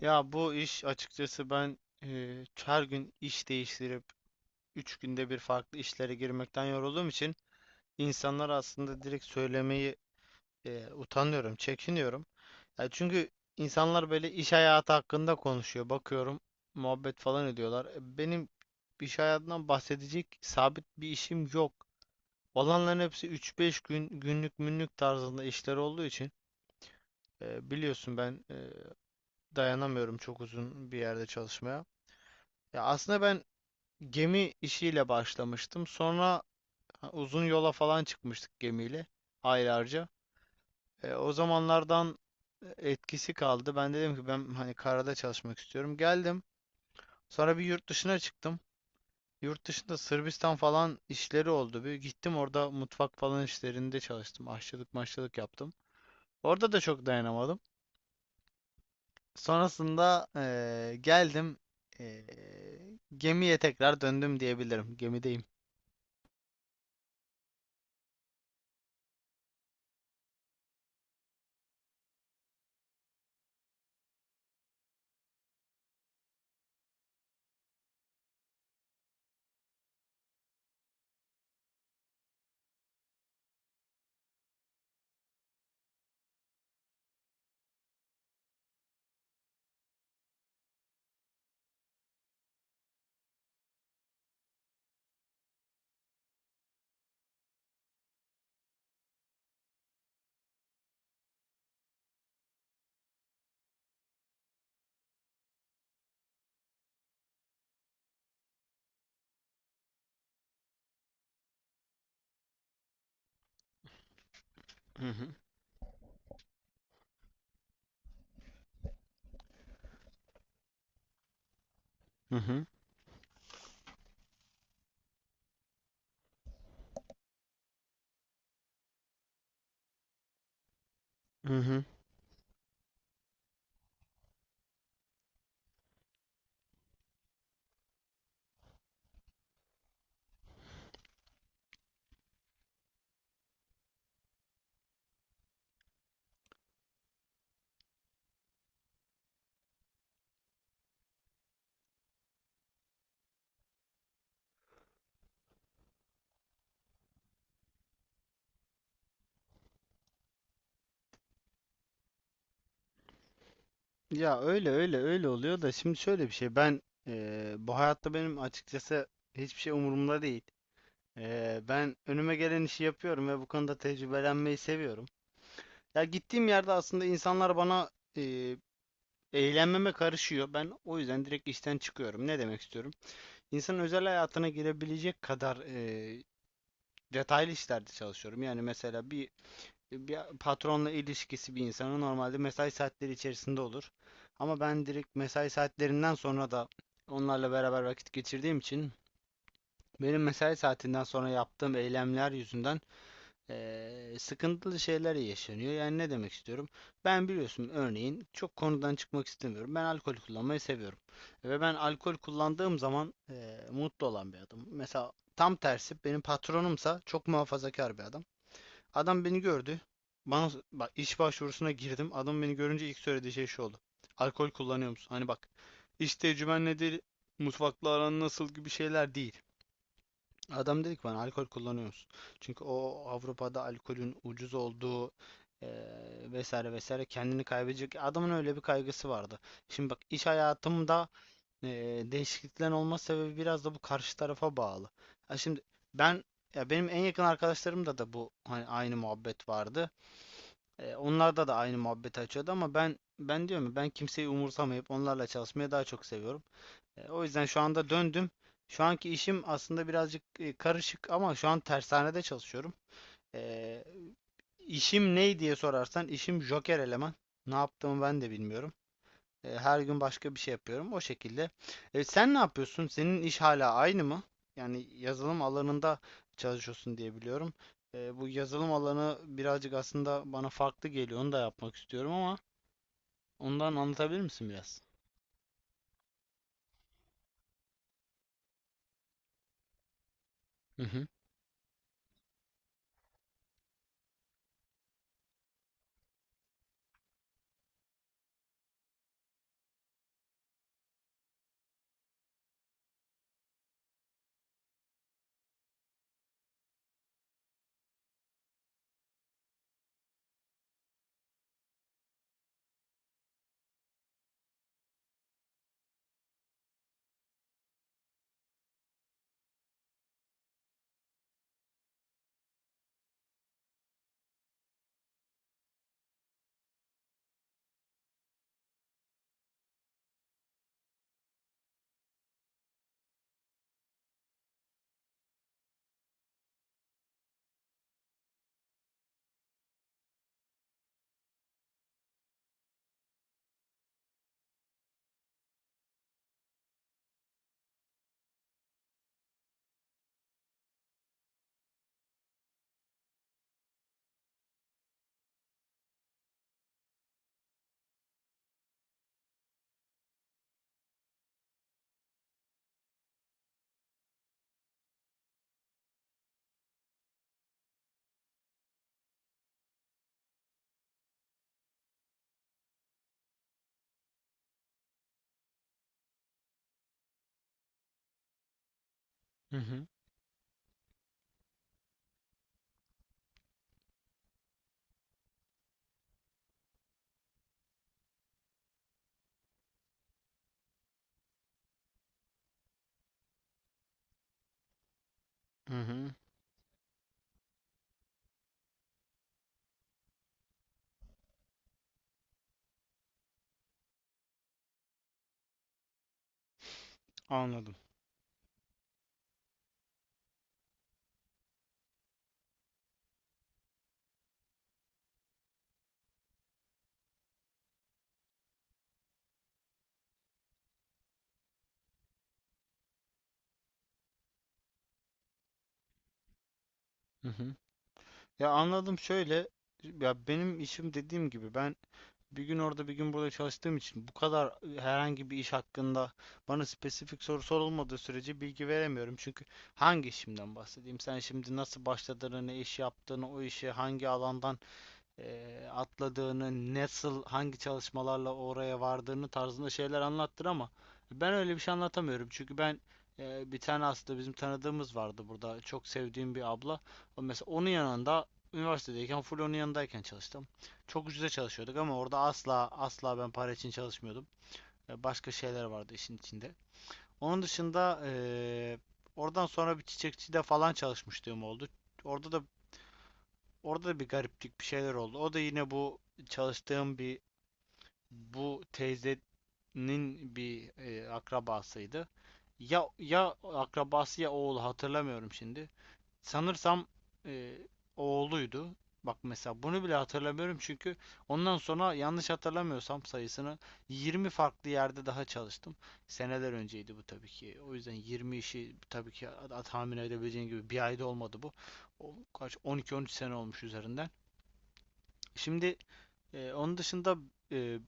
Ya bu iş açıkçası ben her gün iş değiştirip 3 günde bir farklı işlere girmekten yorulduğum için insanlara aslında direkt söylemeyi utanıyorum, çekiniyorum. Ya çünkü insanlar böyle iş hayatı hakkında konuşuyor. Bakıyorum muhabbet falan ediyorlar. Benim iş hayatından bahsedecek sabit bir işim yok. Olanların hepsi üç beş gün günlük münlük tarzında işler olduğu için biliyorsun ben dayanamıyorum çok uzun bir yerde çalışmaya. Ya aslında ben gemi işiyle başlamıştım. Sonra ha, uzun yola falan çıkmıştık gemiyle aylarca. O zamanlardan etkisi kaldı. Ben dedim ki ben hani karada çalışmak istiyorum. Geldim. Sonra bir yurt dışına çıktım. Yurt dışında Sırbistan falan işleri oldu. Bir gittim orada mutfak falan işlerinde çalıştım. Aşçılık maşçılık yaptım. Orada da çok dayanamadım. Sonrasında geldim. Eee, Gemiye tekrar döndüm diyebilirim. Gemideyim. Hı hı. Hı hı. Hı hı. Ya öyle öyle öyle oluyor da şimdi şöyle bir şey ben bu hayatta benim açıkçası hiçbir şey umurumda değil. Ben önüme gelen işi yapıyorum ve bu konuda tecrübelenmeyi seviyorum. Ya gittiğim yerde aslında insanlar bana eee eğlenmeme karışıyor. Ben o yüzden direkt işten çıkıyorum. Ne demek istiyorum? İnsanın özel hayatına girebilecek kadar detaylı işlerde çalışıyorum. Yani mesela bir patronla ilişkisi bir insanın normalde mesai saatleri içerisinde olur. Ama ben direkt mesai saatlerinden sonra da onlarla beraber vakit geçirdiğim için benim mesai saatinden sonra yaptığım eylemler yüzünden sıkıntılı şeyler yaşanıyor. Yani ne demek istiyorum? Ben biliyorsun örneğin çok konudan çıkmak istemiyorum. Ben alkol kullanmayı seviyorum. Ve ben alkol kullandığım zaman mutlu olan bir adam. Mesela tam tersi benim patronumsa çok muhafazakar bir adam. Adam beni gördü. Bana bak iş başvurusuna girdim. Adam beni görünce ilk söylediği şey şu oldu. Alkol kullanıyor musun? Hani bak iş tecrüben nedir? Mutfakla aran nasıl gibi şeyler değil. Adam dedi ki bana alkol kullanıyor musun? Çünkü o Avrupa'da alkolün ucuz olduğu vesaire vesaire kendini kaybedecek. Adamın öyle bir kaygısı vardı. Şimdi bak iş hayatımda değişikliklerin olma sebebi biraz da bu karşı tarafa bağlı. Ha şimdi ben ya benim en yakın arkadaşlarımda da bu hani aynı muhabbet vardı. Onlarda da aynı muhabbeti açıyordu ama ben diyorum ya, ben kimseyi umursamayıp onlarla çalışmayı daha çok seviyorum. O yüzden şu anda döndüm. Şu anki işim aslında birazcık karışık ama şu an tersanede çalışıyorum. E, işim ne diye sorarsan işim joker eleman. Ne yaptığımı ben de bilmiyorum. Her gün başka bir şey yapıyorum. O şekilde. Sen ne yapıyorsun? Senin iş hala aynı mı? Yani yazılım alanında çalışıyorsun diye biliyorum. Bu yazılım alanı birazcık aslında bana farklı geliyor. Onu da yapmak istiyorum ama ondan anlatabilir misin biraz? Hı hı. Hı hı. Hı hı. Anladım. Hı hı. Ya anladım şöyle. Ya benim işim dediğim gibi ben bir gün orada bir gün burada çalıştığım için bu kadar herhangi bir iş hakkında bana spesifik soru sorulmadığı sürece bilgi veremiyorum. Çünkü hangi işimden bahsedeyim? Sen şimdi nasıl başladığını, ne iş yaptığını, o işe hangi alandan atladığını, nasıl, hangi çalışmalarla oraya vardığını tarzında şeyler anlattır ama ben öyle bir şey anlatamıyorum. Çünkü ben bir tane aslında bizim tanıdığımız vardı burada. Çok sevdiğim bir abla. O mesela onun yanında üniversitedeyken full onun yanındayken çalıştım. Çok ucuza çalışıyorduk ama orada asla asla ben para için çalışmıyordum. Başka şeyler vardı işin içinde. Onun dışında oradan sonra bir çiçekçide falan çalışmışlığım oldu. Orada da Orada da bir gariplik bir şeyler oldu. O da yine bu çalıştığım bir bu teyzenin bir akrabasıydı. Ya ya akrabası ya oğlu hatırlamıyorum şimdi. Sanırsam e, oğluydu. Bak mesela bunu bile hatırlamıyorum çünkü ondan sonra yanlış hatırlamıyorsam sayısını 20 farklı yerde daha çalıştım. Seneler önceydi bu tabii ki. O yüzden 20 işi tabii ki tahmin edebileceğin gibi bir ayda olmadı bu. O, kaç 12-13 sene olmuş üzerinden. Şimdi onun dışında e,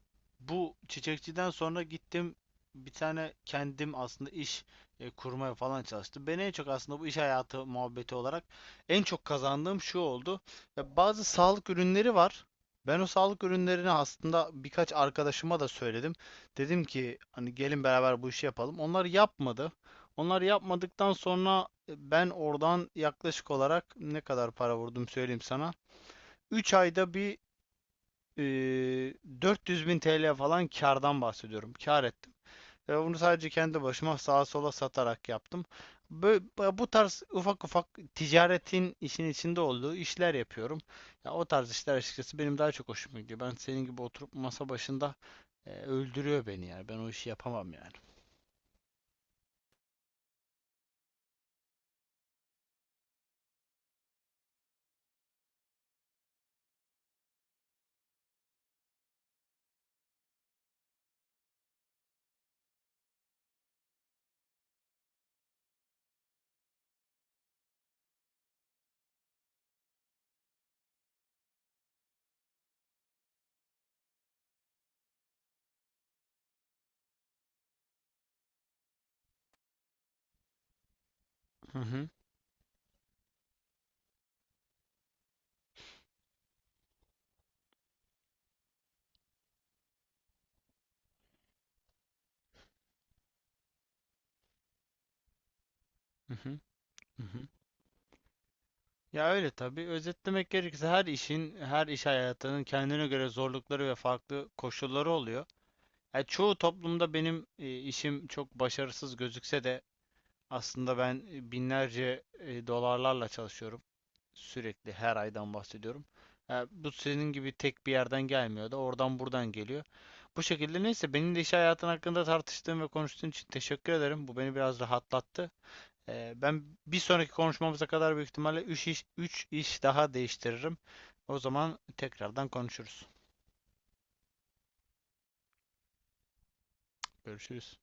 bu çiçekçiden sonra gittim bir tane kendim aslında iş kurmaya falan çalıştım. Ben en çok aslında bu iş hayatı muhabbeti olarak en çok kazandığım şu oldu. Ya bazı sağlık ürünleri var. Ben o sağlık ürünlerini aslında birkaç arkadaşıma da söyledim. Dedim ki hani gelin beraber bu işi yapalım. Onlar yapmadı. Onlar yapmadıktan sonra ben oradan yaklaşık olarak ne kadar para vurdum söyleyeyim sana. 3 ayda bir ee, 400 bin TL falan kardan bahsediyorum. Kar ettim. Ve bunu sadece kendi başıma sağa sola satarak yaptım. Bö- bu tarz ufak ufak ticaretin işin içinde olduğu işler yapıyorum. Ya o tarz işler açıkçası benim daha çok hoşuma gidiyor. Ben senin gibi oturup masa başında öldürüyor beni yani. Ben o işi yapamam yani. Hı hı, hı hı, hı hı. Ya öyle tabii. Özetlemek gerekirse her işin, her iş hayatının kendine göre zorlukları ve farklı koşulları oluyor. Ya çoğu toplumda benim işim çok başarısız gözükse de aslında ben binlerce dolarlarla çalışıyorum. Sürekli her aydan bahsediyorum. Ya bu senin gibi tek bir yerden gelmiyor da oradan buradan geliyor. Bu şekilde neyse benim iş hayatın hakkında tartıştığın ve konuştuğun için teşekkür ederim. Bu beni biraz rahatlattı. Ben bir sonraki konuşmamıza kadar büyük ihtimalle 3 iş, üç iş daha değiştiririm. O zaman tekrardan konuşuruz. Görüşürüz.